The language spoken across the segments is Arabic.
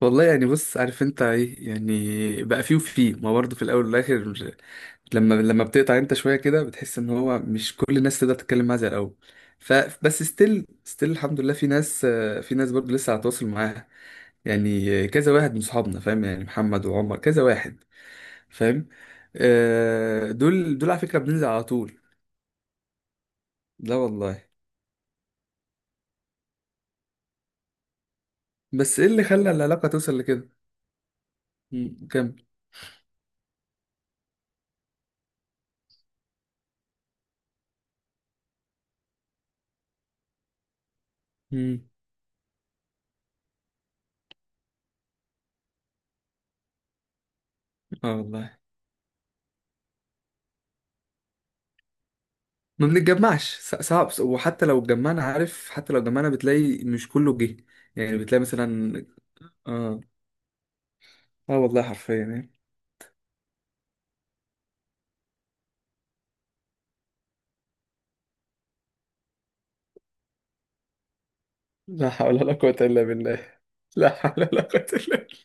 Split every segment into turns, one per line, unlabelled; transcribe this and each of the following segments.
والله يعني، بص عارف انت ايه، يعني بقى فيه وفيه، ما برضه في الاول والاخر. مش لما بتقطع انت شويه كده، بتحس ان هو مش كل الناس تقدر تتكلم معاها زي الاول. فبس ستيل الحمد لله، في ناس، في ناس برضه لسه على تواصل معاها. يعني كذا واحد من صحابنا، فاهم يعني محمد وعمر كذا واحد، فاهم. دول على فكره بننزل على طول. لا والله. بس ايه اللي خلى العلاقه توصل لكده؟ كمل. مم. اه والله. ما بنتجمعش، صعب. وحتى لو اتجمعنا، عارف حتى لو اتجمعنا بتلاقي مش كله جه. يعني بتلاقي مثلا. اه. اه والله، حرفيا يعني. لا حول ولا قوة إلا بالله. لا حول ولا قوة إلا بالله.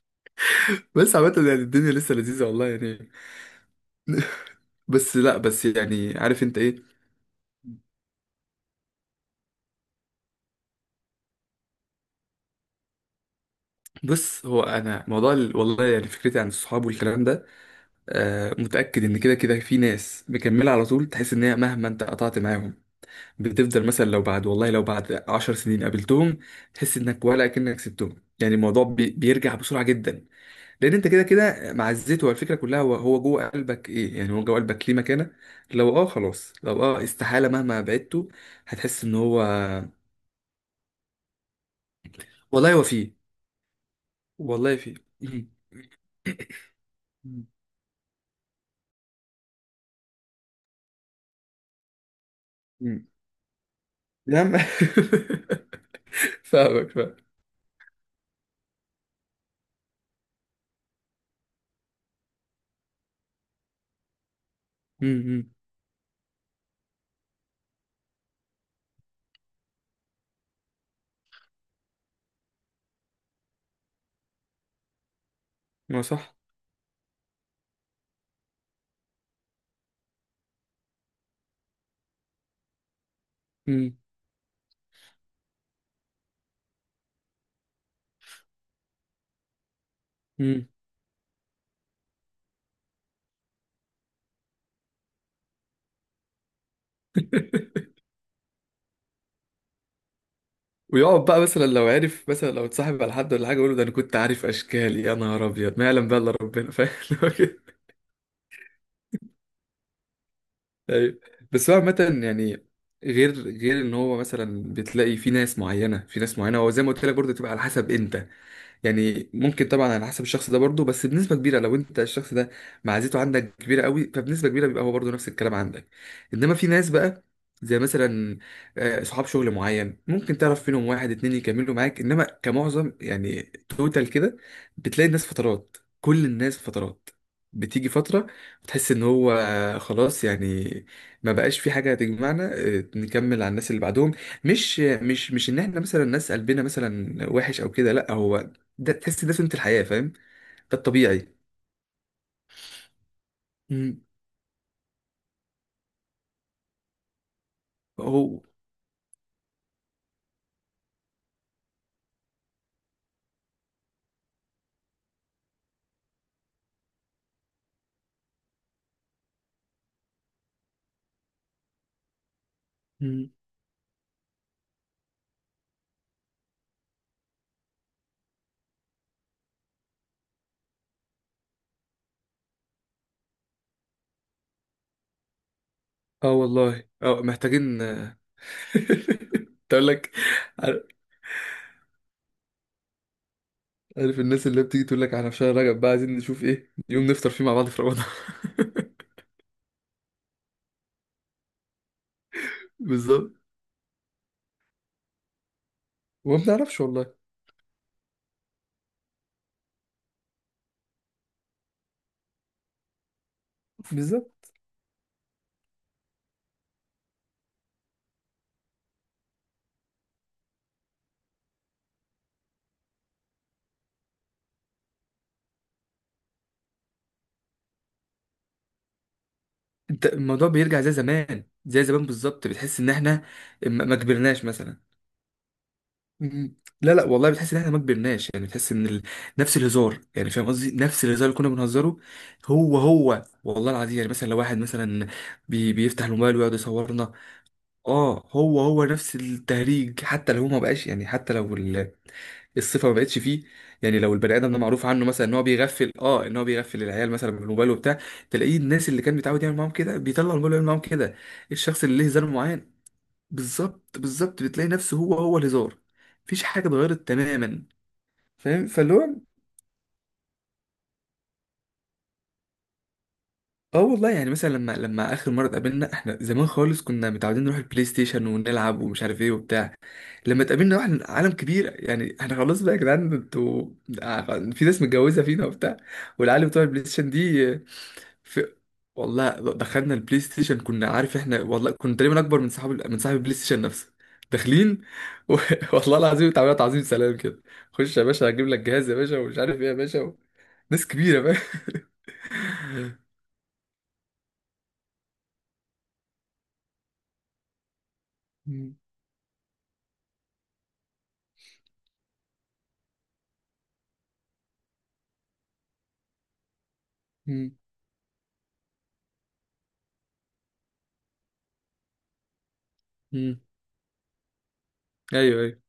بس عامة يعني الدنيا لسه لذيذة، والله يعني. بس لا، بس يعني عارف انت ايه. بص، هو انا موضوع والله يعني فكرتي عن الصحاب والكلام ده، متأكد ان كده كده في ناس مكملة على طول. تحس ان هي مهما انت قطعت معاهم، بتفضل مثلا لو بعد، والله لو بعد 10 سنين قابلتهم، تحس انك ولا اكنك سبتهم. يعني الموضوع بيرجع بسرعه جدا. لان انت كده كده معزته الفكره كلها، هو هو جوه قلبك. ايه يعني، هو جوه قلبك ليه مكانه. لو خلاص، لو استحاله مهما بعدته هتحس ان هو. والله هو فيه. والله فيه. مم. مم. مم. يا عم. فاهمك، فاهم. مم. مم. هو صح. مم. مم. ويقعد بقى مثلا لو عرف، مثلا لو اتصاحب على حد ولا حاجه، يقول له ده انا كنت عارف اشكال. يا نهار ابيض، ما يعلم بقى الا ربنا، فاهم. اللي هو كده؟ ايوه. بس هو عامه يعني. غير، غير ان هو مثلا بتلاقي في ناس معينه، في ناس معينه هو زي ما قلت لك برضه، تبقى على حسب انت. يعني ممكن طبعا على حسب الشخص ده برضه، بس بنسبة كبيرة لو انت الشخص ده معزته عندك كبيرة قوي، فبنسبة كبيرة بيبقى هو برضه نفس الكلام عندك. انما في ناس بقى، زي مثلا صحاب شغل معين، ممكن تعرف فيهم واحد اتنين يكملوا معاك، انما كمعظم يعني توتال كده، بتلاقي الناس فترات، كل الناس فترات. بتيجي فترة بتحس ان هو خلاص يعني، ما بقاش في حاجة تجمعنا، نكمل على الناس اللي بعدهم. مش ان احنا مثلا الناس قلبنا مثلا وحش او كده، لا هو ده. تحس ده سنة الحياة، فاهم. ده الطبيعي. امم. هو. امم. اه والله، محتاجين. تقول لك. عار- عارف الناس اللي بتيجي تقول لك، احنا في شهر رجب بقى عايزين نشوف ايه يوم نفطر فيه مع بعض في رمضان. بالظبط. وما بنعرفش والله. بالظبط. انت الموضوع بيرجع زي زمان، زي زمان بالظبط، بتحس ان احنا ما كبرناش مثلا. مم. لا لا والله، بتحس ان احنا ما كبرناش يعني، بتحس ان نفس الهزار يعني، فاهم قصدي، نفس الهزار اللي كنا بنهزره. هو هو والله العظيم يعني، مثلا لو واحد مثلا بيفتح الموبايل ويقعد يصورنا. اه هو هو نفس التهريج، حتى لو هو ما بقاش يعني، حتى لو الصفه ما بقتش فيه. يعني لو البني ادم ده معروف عنه مثلا ان هو بيغفل، ان هو بيغفل العيال مثلا بالموبايل وبتاع، تلاقيه الناس اللي كان بيتعود يعمل معاهم كده بيطلع الموبايل ويعمل معاهم كده. الشخص اللي ليه هزار معين، بالظبط بالظبط، بتلاقي نفسه هو هو الهزار. مفيش حاجه اتغيرت تماما. فاهم، فاللي هو اه والله يعني، مثلا لما اخر مره اتقابلنا، احنا زمان خالص كنا متعودين نروح البلاي ستيشن ونلعب ومش عارف ايه وبتاع. لما اتقابلنا واحنا عالم كبير يعني، احنا خلاص بقى يا جدعان، انتوا في ناس متجوزه فينا وبتاع، والعيال بتوع البلاي ستيشن دي. في، والله دخلنا البلاي ستيشن كنا عارف احنا، والله كنا تقريبا اكبر من صاحب البلاي ستيشن نفسه. داخلين و... والله العظيم تعبيرات تعظيم سلام كده. خش يا باشا، هجيب لك جهاز يا باشا، ومش عارف ايه يا باشا ناس كبيره بقى. مم. مم. ايوه ايوه.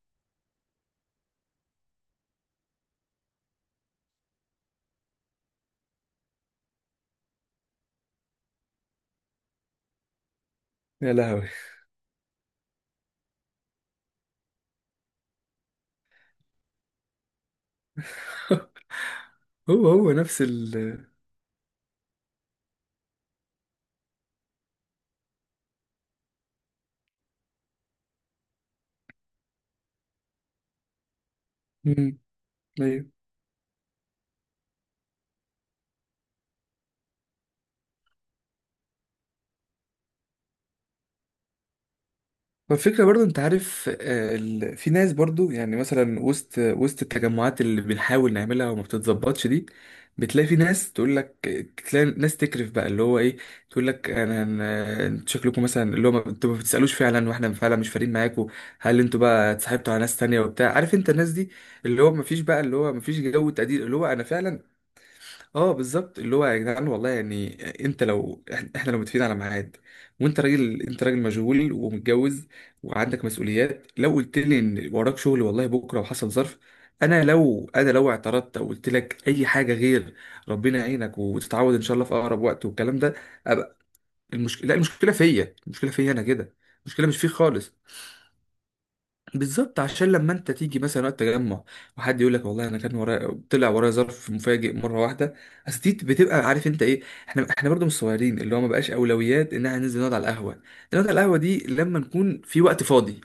يا لهوي. هو هو نفس مم. ايوه. والفكرة برضو انت عارف في ناس برضو يعني مثلا وسط، وسط التجمعات اللي بنحاول نعملها وما بتتظبطش دي، بتلاقي في ناس تقول لك، تلاقي ناس تكرف بقى اللي هو ايه، تقول لك انا، انتوا شكلكم مثلا اللي هو، انتوا ما بتسالوش فعلا، واحنا فعلا مش فارقين معاكم. هل انتوا بقى اتصاحبتوا على ناس تانية وبتاع، عارف انت الناس دي اللي هو ما فيش بقى، اللي هو ما فيش جو تقدير، اللي هو انا فعلا. اه بالظبط، اللي هو يا جدعان والله يعني، انت لو احنا لو متفقين على ميعاد، وانت راجل، انت راجل مشغول ومتجوز وعندك مسؤوليات، لو قلت لي ان وراك شغل والله بكره وحصل ظرف، انا لو اعترضت او قلت لك اي حاجه غير ربنا يعينك وتتعود ان شاء الله في اقرب وقت والكلام ده، ابقى. المشكله، لا المشكله فيا، المشكله فيا انا كده. المشكله مش فيك خالص. بالظبط، عشان لما انت تيجي مثلا وقت تجمع، وحد يقول لك والله انا كان ورايا، طلع ورايا ظرف مفاجئ مره واحده، اصل دي بتبقى عارف انت ايه، احنا برضه مش صغيرين، اللي هو ما بقاش اولويات ان احنا ننزل نقعد على القهوه. نقعد على القهوه دي لما نكون في وقت فاضي.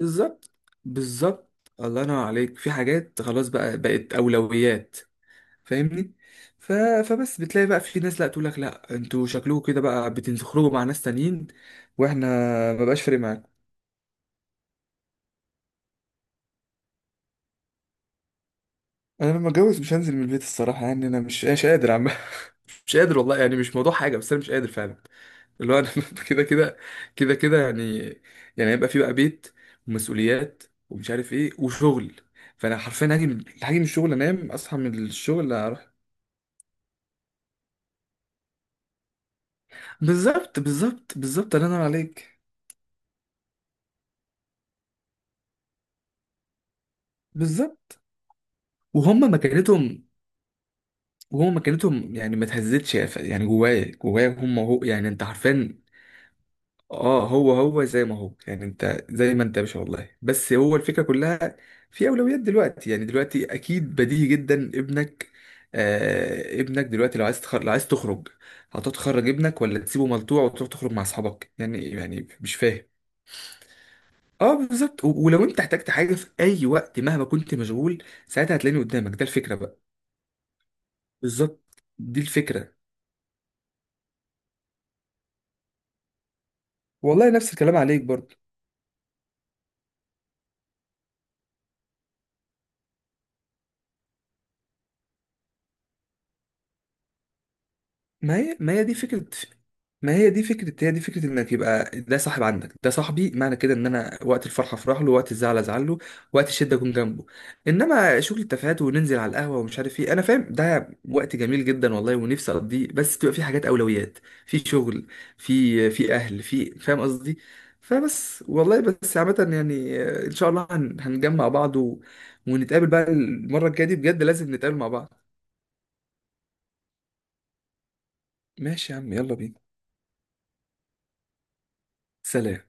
بالظبط، بالظبط، الله ينور عليك، في حاجات خلاص بقى بقت اولويات. فاهمني. ف... فبس بتلاقي بقى في ناس، لا تقول لك لا انتوا شكلكم كده بقى بتخرجوا مع ناس تانيين، واحنا ما بقاش فارق معانا. انا لما اتجوز، مش هنزل من البيت الصراحه يعني. انا مش قادر عم. مش قادر والله يعني، مش موضوع حاجه، بس انا مش قادر فعلا. اللي هو انا كده كده، كده كده يعني. يعني هيبقى في بقى بيت ومسؤوليات ومش عارف ايه وشغل. فانا حرفيا هاجي من الشغل انام، اصحى من الشغل اروح. بالظبط بالظبط بالظبط، الله ينور عليك. بالظبط. وهم مكانتهم، وهم مكانتهم يعني ما تهزتش يعني، جوايا جوايا هم هو يعني انت عارفين. اه هو هو زي ما هو يعني، انت زي ما انت يا باشا والله. بس هو الفكره كلها، في اولويات دلوقتي يعني، دلوقتي اكيد بديهي جدا ابنك، ابنك دلوقتي، لو عايز تخرج، لو عايز تخرج هتتخرج ابنك، ولا تسيبه ملطوع وتروح تخرج مع اصحابك؟ يعني مش فاهم. اه بالظبط، ولو انت احتجت حاجه في اي وقت مهما كنت مشغول ساعتها، هتلاقيني قدامك. ده الفكره بقى. بالظبط، دي الفكره. والله نفس الكلام عليك برضه. ما هي دي فكرة، ما هي دي فكرة، هي دي فكرة انك يبقى ده صاحب عندك، ده صاحبي معنى كده ان انا وقت الفرحة افرح له، وقت الزعل ازعل له، وقت الشدة اكون جنبه. انما شغل التفاهات وننزل على القهوة ومش عارف ايه، انا فاهم ده وقت جميل جدا والله ونفسي اقضيه، بس بتبقى في حاجات اولويات، في شغل، في اهل، في فاهم قصدي. فبس والله، بس عامة يعني، ان شاء الله هنجمع بعض ونتقابل بقى. المرة الجاية دي بجد لازم نتقابل مع بعض. ماشي يا عم، يلا بينا. سلام.